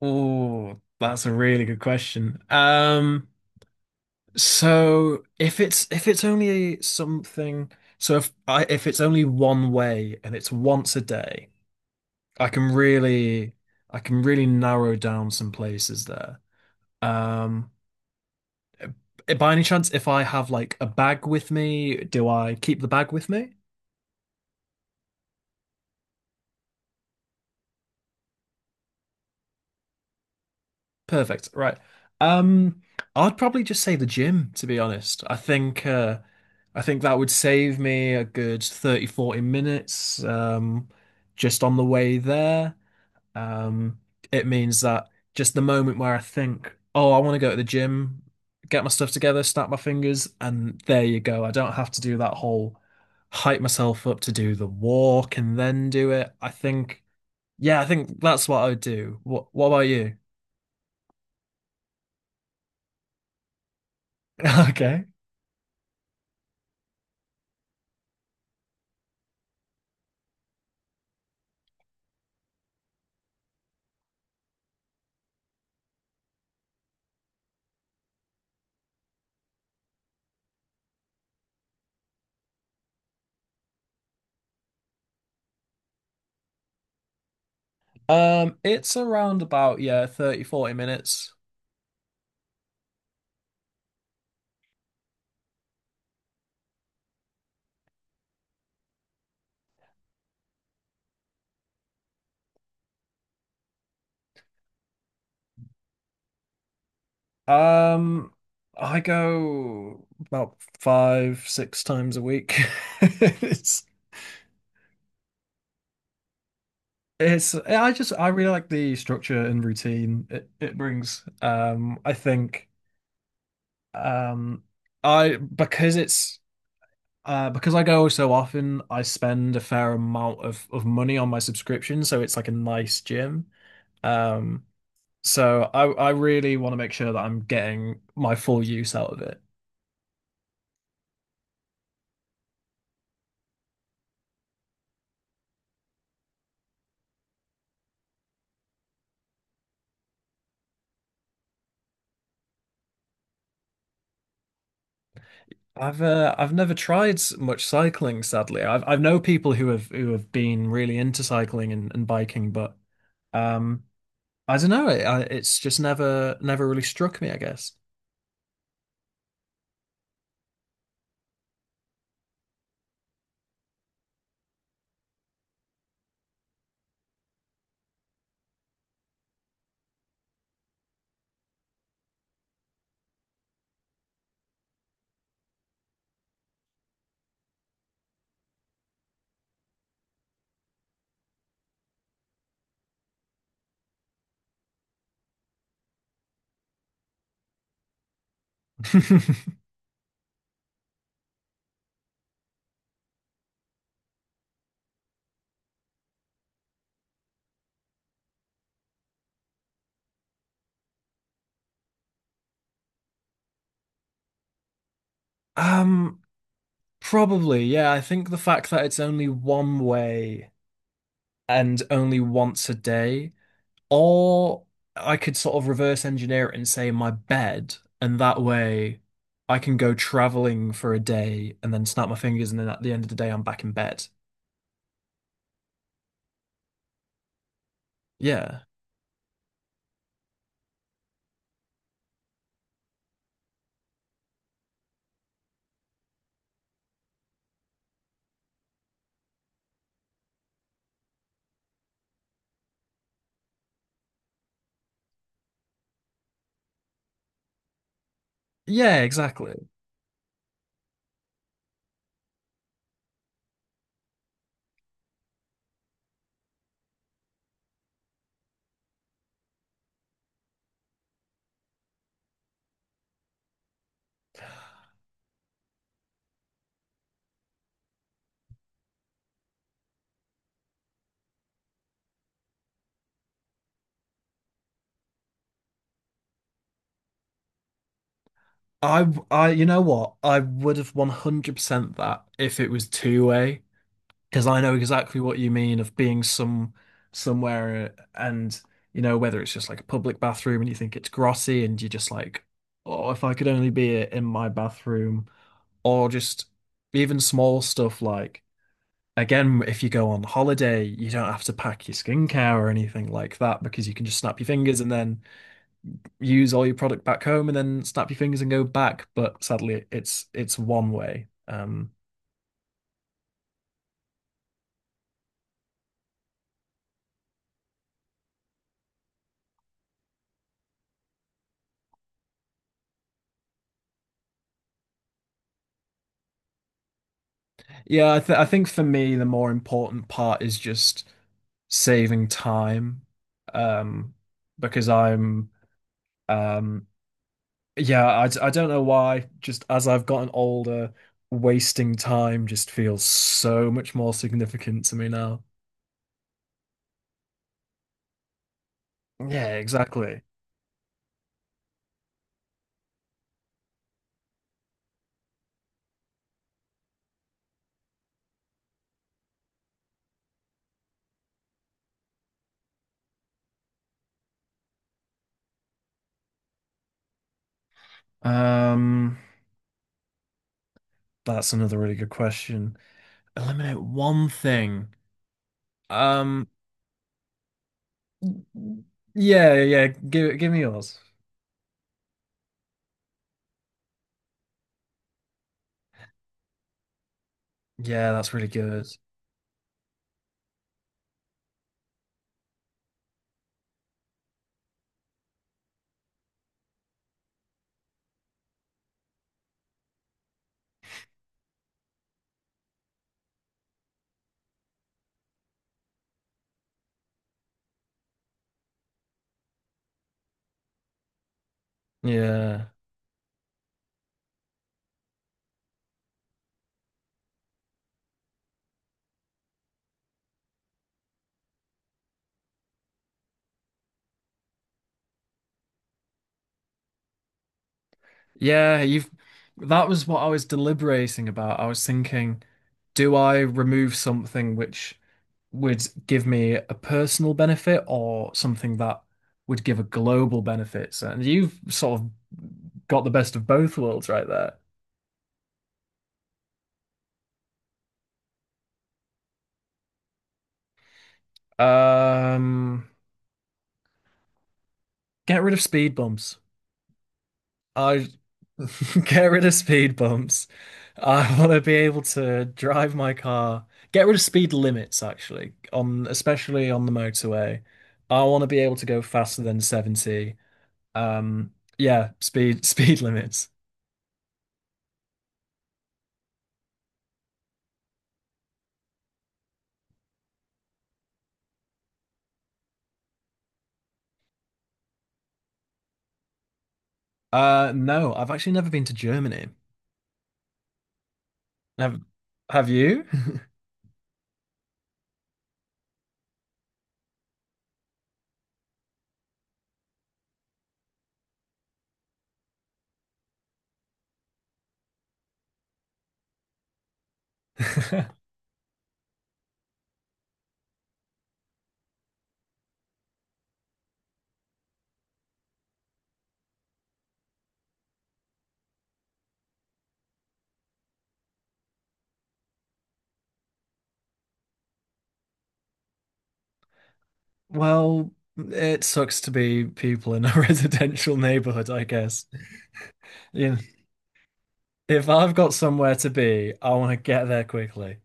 Oh, that's a really good question. So if it's only something, so if it's only one way and it's once a day, I can really I can really narrow down some places there. Um, by any chance, if I have like a bag with me, do I keep the bag with me? Perfect. Right. Um, I'd probably just say the gym, to be honest. I think I think that would save me a good 30, 40 minutes just on the way there. Um it means that just the moment where I think, oh, I want to go to the gym, get my stuff together, snap my fingers, and there you go. I don't have to do that whole hype myself up to do the walk and then do it. I think, yeah, I think that's what I would do. What about you? Okay. It's around about, yeah, 30, 40 minutes. Um, I go about five, six times a week. It's, I just, I really like the structure and routine it brings. I think, um, because because I go so often, I spend a fair amount of money on my subscription. So it's like a nice gym. Um, So I really want to make sure that I'm getting my full use out of it. I've never tried much cycling, sadly. I've know people who have been really into cycling and, biking, but um I don't know. It's just never really struck me, I guess. Um, probably, yeah. I think the fact that it's only one way and only once a day, or I could sort of reverse engineer it and say my bed, and that way I can go traveling for a day and then snap my fingers, and then at the end of the day I'm back in bed. Yeah. Yeah, exactly. I you know what? I would have 100% that if it was two way, because I know exactly what you mean of being somewhere and you know whether it's just like a public bathroom and you think it's grotty and you're just like, oh, if I could only be in my bathroom, or just even small stuff like, again, if you go on holiday you don't have to pack your skincare or anything like that because you can just snap your fingers and then use all your product back home and then snap your fingers and go back, but sadly it's one way. Yeah, I think for me the more important part is just saving time. um because I'm um yeah, I don't know why, just as I've gotten older, wasting time just feels so much more significant to me now. Yeah, exactly. um that's another really good question. Eliminate one thing. um yeah, yeah, yeah, give me yours. Yeah, that's really good. Yeah. Yeah, you've that was what I was deliberating about. I was thinking, do I remove something which would give me a personal benefit or something that would give a global benefit? So- And you've sort of got the best of both worlds right there. Um, get rid of speed bumps. I get rid of speed bumps. I want to be able to drive my car. Get rid of speed limits, actually, on, especially on the motorway. I want to be able to go faster than 70. Um, yeah, speed speed limits. No, I've actually never been to Germany. Have have you? Well, it sucks to be people in a residential neighborhood, I guess. You know, if I've got somewhere to be, I want to get there quickly.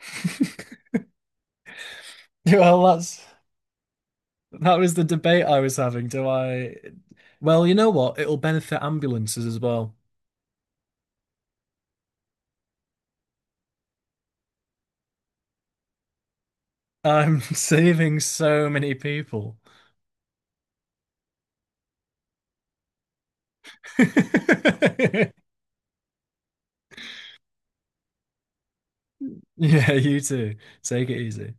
Well, that was the debate I was having. Do I? Well, you know what? It'll benefit ambulances as well. I'm saving so many people. Yeah, you too. Take it easy.